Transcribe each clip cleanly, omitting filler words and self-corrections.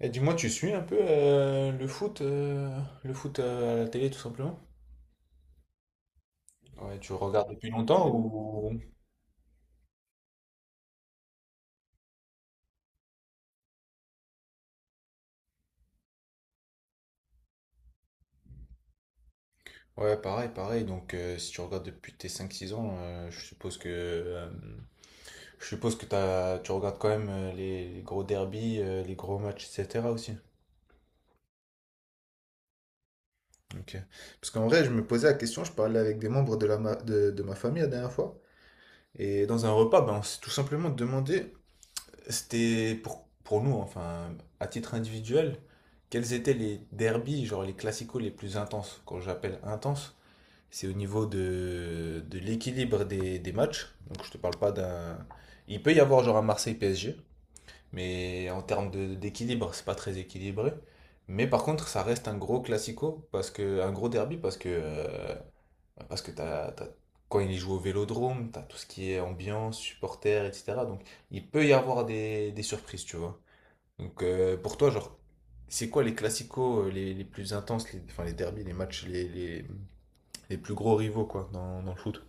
Et dis-moi, tu suis un peu le foot à la télé tout simplement? Ouais, tu regardes depuis longtemps ou... Ouais, pareil, pareil. Si tu regardes depuis tes cinq, six ans, je suppose que tu regardes quand même les gros derbies, les gros matchs, etc. aussi. Ok. Parce qu'en vrai, je me posais la question, je parlais avec des membres de ma famille la dernière fois. Et dans un repas, ben, on s'est tout simplement demandé, c'était pour nous, enfin, à titre individuel, quels étaient les derbies, genre les classicos les plus intenses? Quand j'appelle intense, c'est au niveau de l'équilibre des matchs. Donc je te parle pas d'un. Il peut y avoir genre un Marseille-PSG, mais en d'équilibre, c'est pas très équilibré. Mais par contre, ça reste un gros classico, parce que, un gros derby, parce que t'as- quand il joue au Vélodrome, t'as tout ce qui est ambiance, supporters, etc. Donc il peut y avoir des surprises, tu vois. Pour toi, genre, c'est quoi les classicos les plus intenses, les, enfin les derbies, les matchs, les plus gros rivaux, quoi, dans le foot?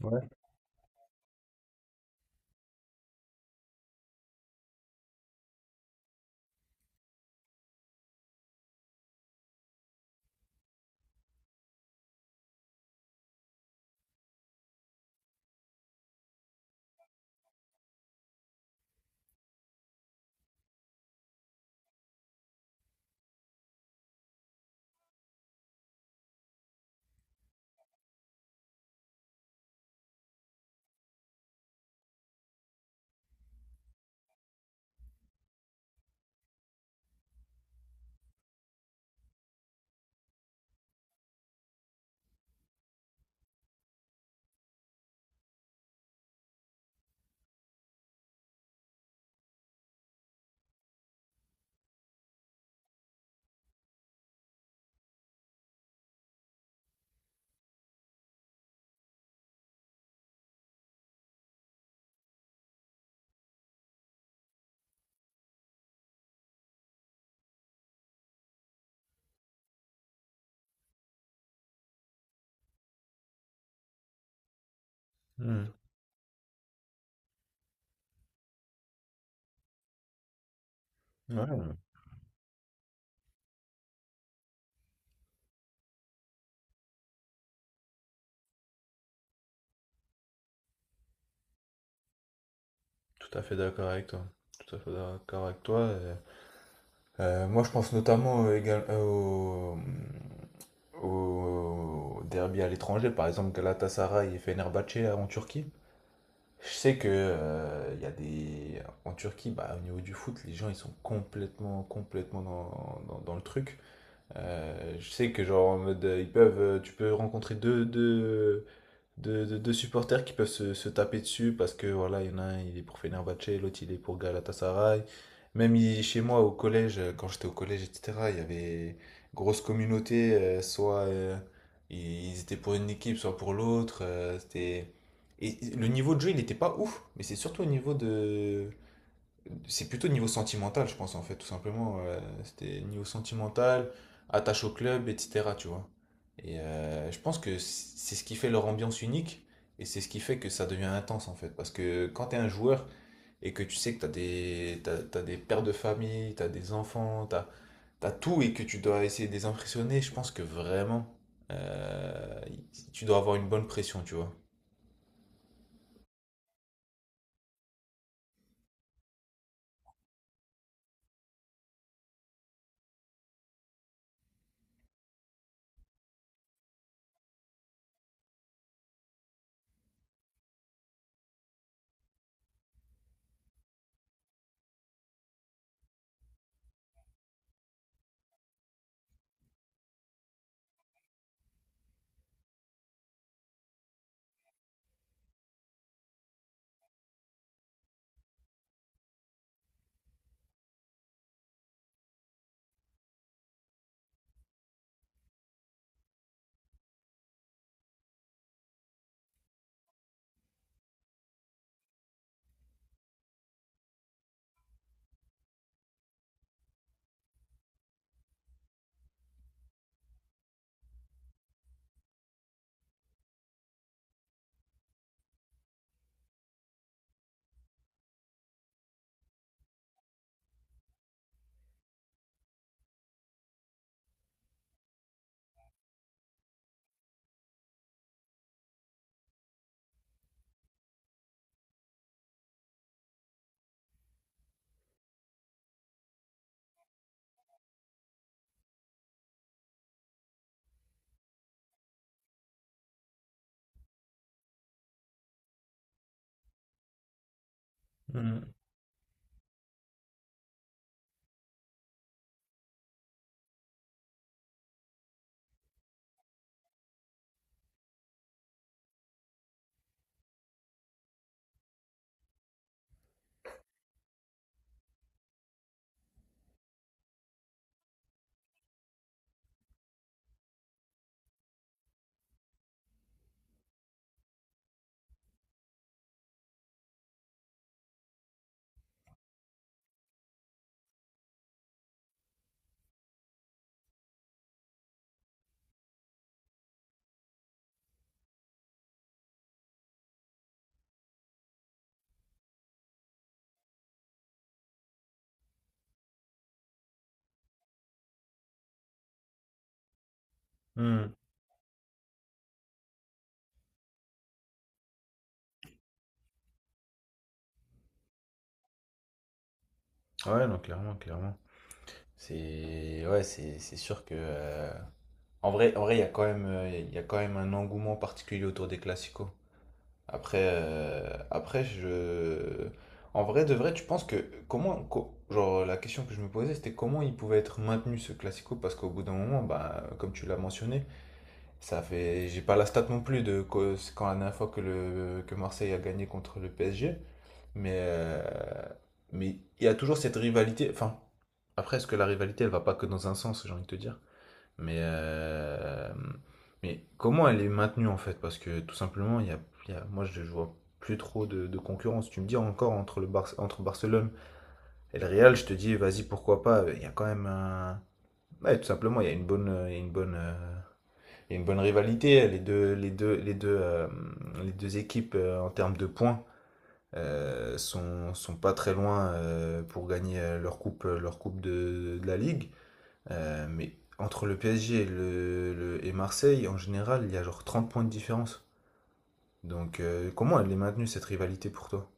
Ouais. Hmm. Ouais, euh, Tout à fait d'accord avec toi. Tout à fait d'accord avec toi. Moi, je pense notamment au derby à l'étranger, par exemple Galatasaray et Fenerbahçe là, en Turquie. Je sais que il y a des en Turquie, bah, au niveau du foot, les gens ils sont complètement complètement dans, dans le truc. Je sais que genre en mode, ils peuvent, tu peux rencontrer deux, de supporters qui peuvent se taper dessus parce que voilà, il y en a un, il est pour Fenerbahçe, l'autre il est pour Galatasaray. Même il- chez moi au collège, quand j'étais au collège, etc., il y avait grosse communauté, soit ils étaient pour une équipe, soit pour l'autre. C'était... Et le niveau de jeu, il n'était pas ouf, mais c'est surtout au niveau de, c'est plutôt niveau sentimental, je pense, en fait, tout simplement. C'était niveau sentimental, attache au club, etc., tu vois. Et je pense que c'est ce qui fait leur ambiance unique et c'est ce qui fait que ça devient intense, en fait. Parce que quand t'es un joueur et que tu sais que t'as des pères de famille, t'as des enfants, t'as tout et que tu dois essayer de les impressionner, je pense que vraiment, euh, tu dois avoir une bonne pression, tu vois. Mhm. Mhm. Ouais, non, clairement, clairement. C'est ouais, c'est sûr que en vrai, il y a quand même il y a quand même un engouement particulier autour des classicos. Après je en vrai de vrai, tu penses que comment genre la question que je me posais c'était comment il pouvait être maintenu ce classico parce qu'au bout d'un moment bah comme tu l'as mentionné, ça fait j'ai pas la stat non plus de c'est quand la dernière fois que le que Marseille a gagné contre le PSG, mais euh, mais il y a toujours cette rivalité enfin après, est-ce que la rivalité, elle va pas que dans un sens, j'ai envie de te dire? Mais, euh, mais comment elle est maintenue en fait? Parce que tout simplement, il y a- moi je vois plus trop de concurrence. Tu me dis encore entre, entre Barcelone et le Real, je te dis vas-y, pourquoi pas? Il y a quand même un. Ouais, tout simplement, il y a une bonne rivalité. Les deux équipes en termes de points sont pas très loin pour gagner leur coupe de la Ligue. Mais entre le PSG et Marseille, en général, il y a genre 30 points de différence. Donc, comment elle est maintenue, cette rivalité pour toi?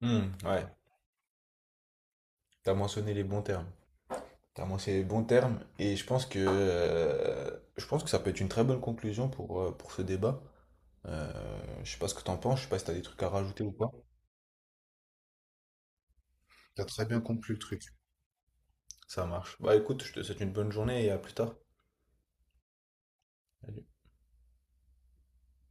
Hmm, ouais, t'as mentionné les bons termes. T'as mentionné les bons termes, et je pense que ça peut être une très bonne conclusion pour ce débat. Euh, je sais pas ce que t'en penses, je sais pas si t'as des trucs à rajouter ou pas. T'as très bien compris le truc. Ça marche. Bah écoute, je te souhaite une bonne journée et à plus tard.